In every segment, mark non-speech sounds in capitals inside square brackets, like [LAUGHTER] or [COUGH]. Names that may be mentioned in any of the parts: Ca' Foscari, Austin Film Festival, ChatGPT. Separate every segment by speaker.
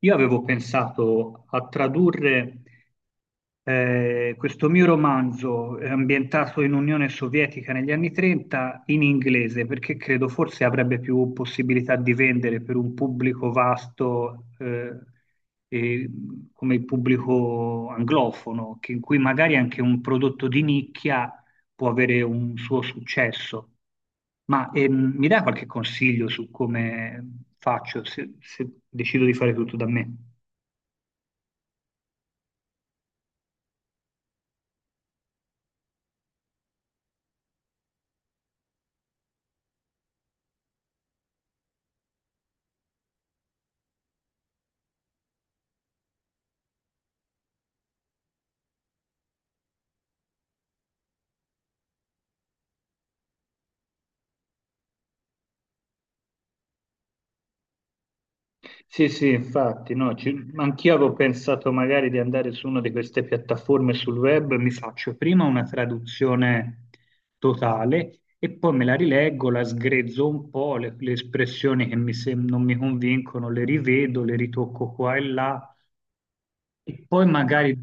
Speaker 1: Io avevo pensato a tradurre questo mio romanzo ambientato in Unione Sovietica negli anni 30 in inglese, perché credo forse avrebbe più possibilità di vendere per un pubblico vasto e, come il pubblico anglofono, in cui magari anche un prodotto di nicchia può avere un suo successo. Ma mi dai qualche consiglio su come faccio se decido di fare tutto da me? Sì, sì, infatti, no, anch'io avevo pensato magari di andare su una di queste piattaforme sul web, mi faccio prima una traduzione totale e poi me la rileggo, la sgrezzo un po', le espressioni che non mi convincono le rivedo, le ritocco qua e là e poi magari...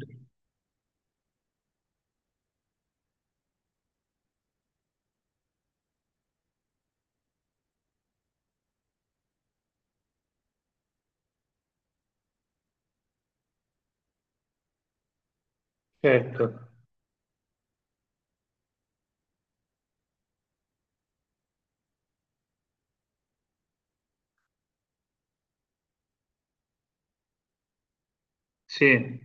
Speaker 1: Certo, sì,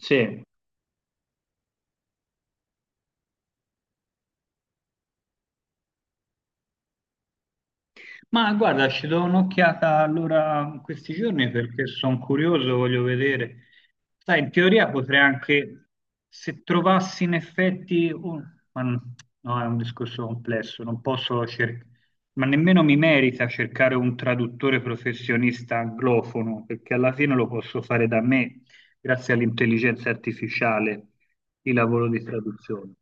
Speaker 1: sì. Ma guarda, ci do un'occhiata allora in questi giorni perché sono curioso, voglio vedere. Sai, in teoria potrei anche, se trovassi in effetti, ma n- no, è un discorso complesso, non posso cercare, ma nemmeno mi merita cercare un traduttore professionista anglofono, perché alla fine lo posso fare da me, grazie all'intelligenza artificiale, il lavoro di traduzione.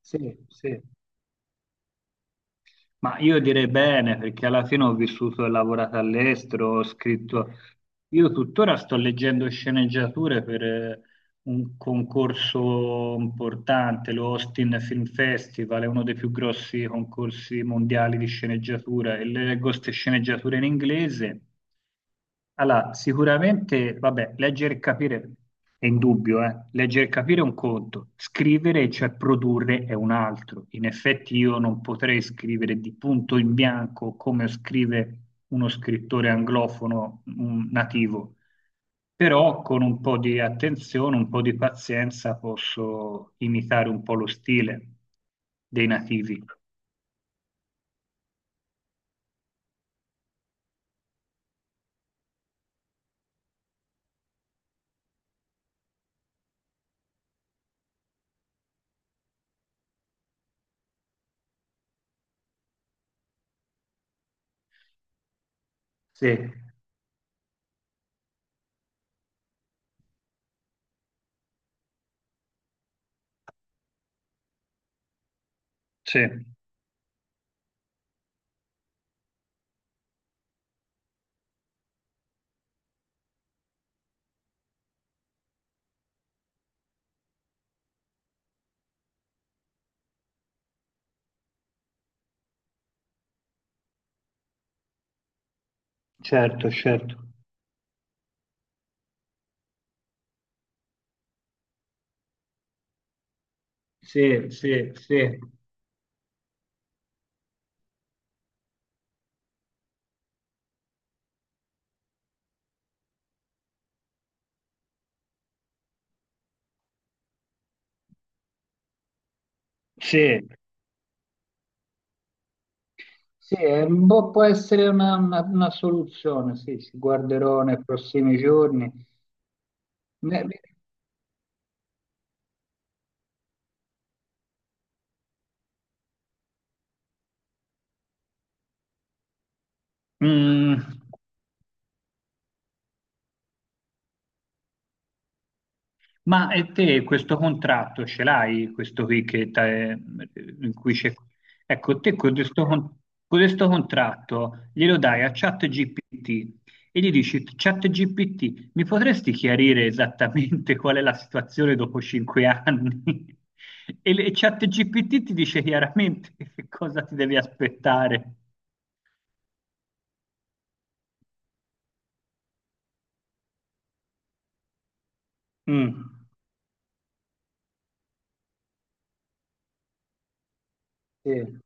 Speaker 1: Sì, sì. Ma io direi bene, perché alla fine ho vissuto e lavorato all'estero, ho scritto... Io tuttora sto leggendo sceneggiature per, un concorso importante, lo Austin Film Festival, è uno dei più grossi concorsi mondiali di sceneggiatura e leggo queste sceneggiature in inglese. Allora, sicuramente, vabbè, leggere e capire è indubbio, eh. Leggere e capire è un conto, scrivere, cioè produrre, è un altro. In effetti io non potrei scrivere di punto in bianco come scrive uno scrittore anglofono nativo però con un po' di attenzione, un po' di pazienza posso imitare un po' lo stile dei nativi. Sì, sì, certo, certo. Sì, sì, sì. Sì, sì, è un po' può essere una soluzione, sì, ci guarderò nei prossimi giorni. Ne- Mm, Ma e te questo contratto ce l'hai? Questo qui in cui c'è... Ecco, te con questo contratto glielo dai a ChatGPT e gli dici, ChatGPT, mi potresti chiarire esattamente [LAUGHS] qual è la situazione dopo 5 anni? [LAUGHS] E ChatGPT ti dice chiaramente [LAUGHS] che cosa ti devi aspettare. Mm, sì.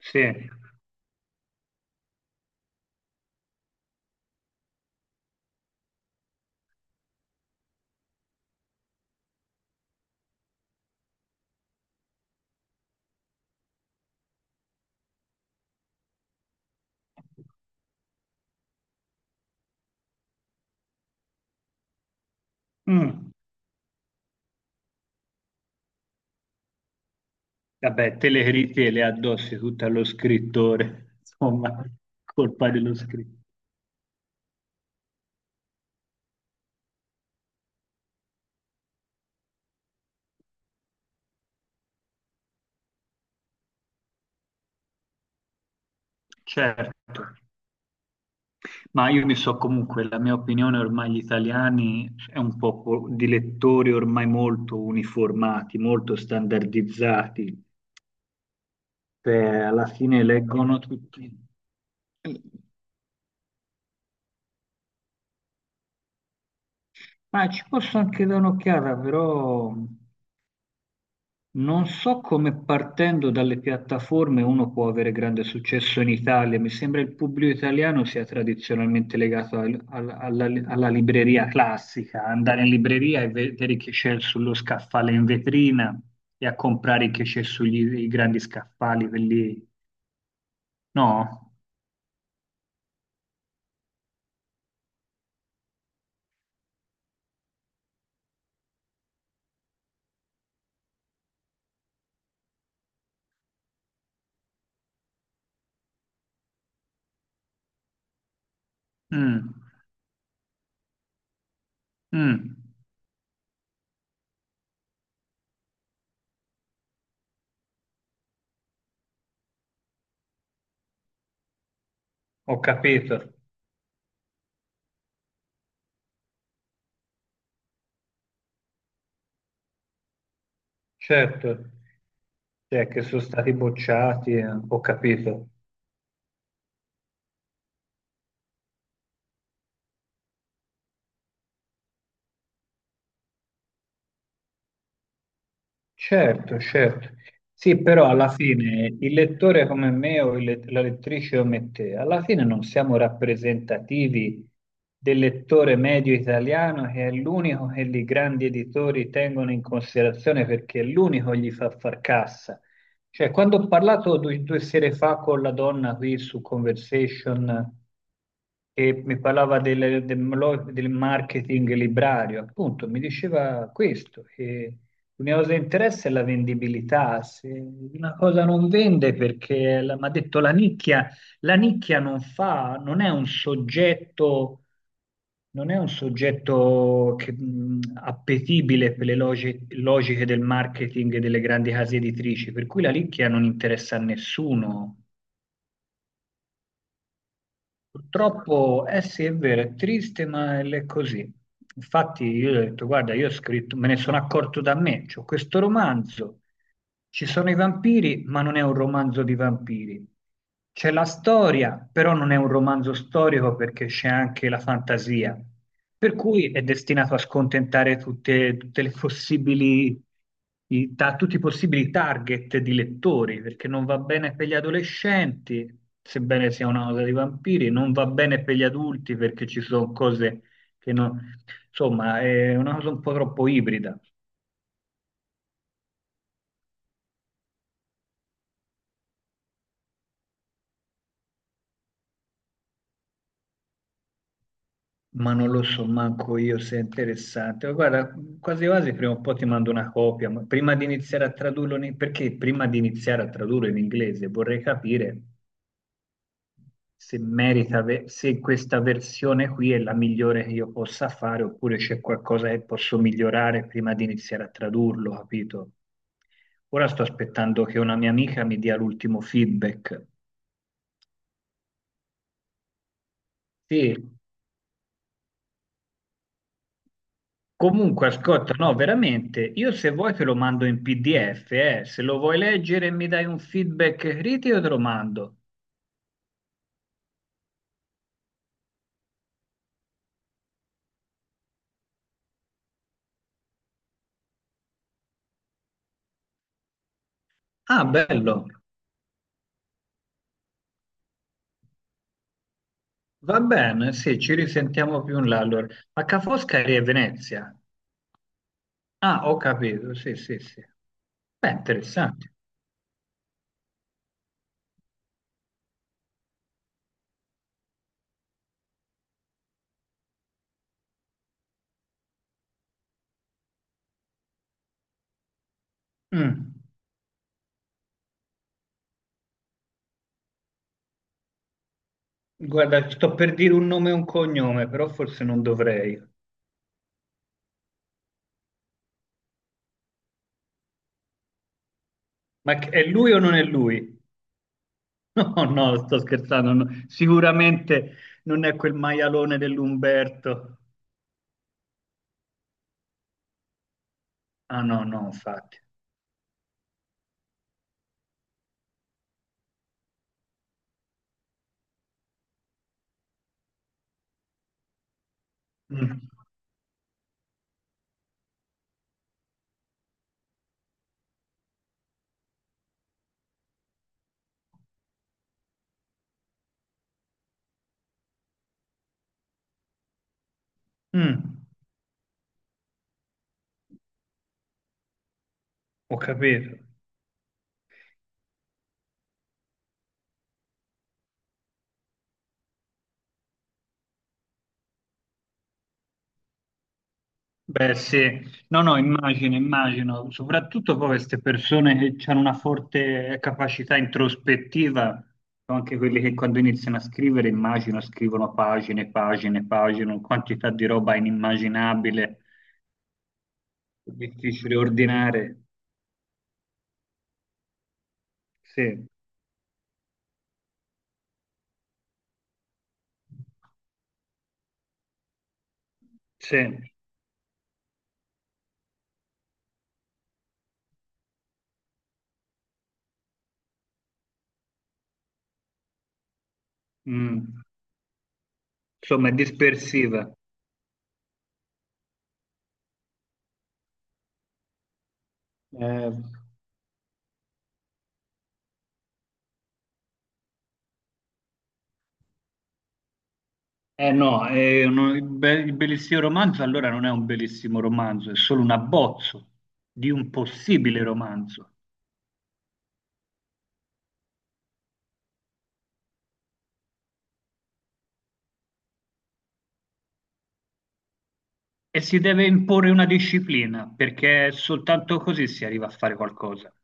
Speaker 1: Sì. Mm. Vabbè, te le critiche le addossi tutte allo scrittore, [LAUGHS] insomma, colpa dello scrittore. Certo, ma io mi so comunque, la mia opinione ormai gli italiani è un popolo di lettori ormai molto uniformati, molto standardizzati. Cioè, alla fine leggono tutti. Ma ci posso anche dare un'occhiata, però non so come partendo dalle piattaforme uno può avere grande successo in Italia, mi sembra il pubblico italiano sia tradizionalmente legato alla libreria classica, andare in libreria e vedere che c'è sullo scaffale in vetrina e a comprare che c'è sugli i grandi scaffali, quelli... No? Mm, mm, ho capito, certo, cioè che sono stati bocciati, ho capito. Certo, certo. Sì, però alla fine il lettore come me o la lettrice come te, alla fine non siamo rappresentativi del lettore medio italiano che è l'unico che i grandi editori tengono in considerazione perché è l'unico che gli fa far cassa. Cioè, quando ho parlato due sere fa con la donna qui su Conversation che mi parlava del marketing librario, appunto, mi diceva questo, che l'unica cosa che interessa è la vendibilità. Se una cosa non vende perché, mi ha detto la nicchia non fa, non è un soggetto, non è un soggetto che, appetibile per le logiche del marketing e delle grandi case editrici, per cui la nicchia non interessa a nessuno. Purtroppo, eh sì, è vero, è triste, ma è così. Infatti, io ho detto, guarda, io ho scritto, me ne sono accorto da me, c'ho questo romanzo, ci sono i vampiri, ma non è un romanzo di vampiri. C'è la storia, però non è un romanzo storico perché c'è anche la fantasia. Per cui è destinato a scontentare tutte, tutte le possibili, tutti i possibili target di lettori, perché non va bene per gli adolescenti, sebbene sia una cosa di vampiri, non va bene per gli adulti perché ci sono cose che non... Insomma, è una cosa un po' troppo ibrida, ma non lo so manco io se è interessante. Ma guarda, quasi quasi prima o poi ti mando una copia, ma prima di iniziare a tradurlo, in... perché prima di iniziare a tradurlo in inglese vorrei capire se merita, se questa versione qui è la migliore che io possa fare, oppure c'è qualcosa che posso migliorare prima di iniziare a tradurlo, capito? Ora sto aspettando che una mia amica mi dia l'ultimo feedback. Sì, comunque ascolta, no, veramente, io se vuoi te lo mando in PDF, eh. Se lo vuoi leggere e mi dai un feedback critico te lo mando. Ah, bello, va bene, sì, ci risentiamo più in là allora. Ma Ca' Foscari è Venezia? Ah, ho capito, sì, sì, sì. Beh, interessante. Mm. Guarda, sto per dire un nome e un cognome, però forse non dovrei. Ma è lui o non è lui? [LAUGHS] No, no, sto scherzando. No. Sicuramente non è quel maialone dell'Umberto. Ah, no, no, infatti. Mm. Mm. Ho capito. Beh, sì, no, no, immagino, immagino, soprattutto poi queste persone che hanno una forte capacità introspettiva, sono anche quelli che quando iniziano a scrivere, immagino, scrivono pagine, pagine, pagine, una quantità di roba inimmaginabile, difficile ordinare. Sì, sì, mm. Insomma, è dispersiva. Eh, eh no, è il bellissimo romanzo allora non è un bellissimo romanzo, è solo un abbozzo di un possibile romanzo. E si deve imporre una disciplina, perché soltanto così si arriva a fare qualcosa.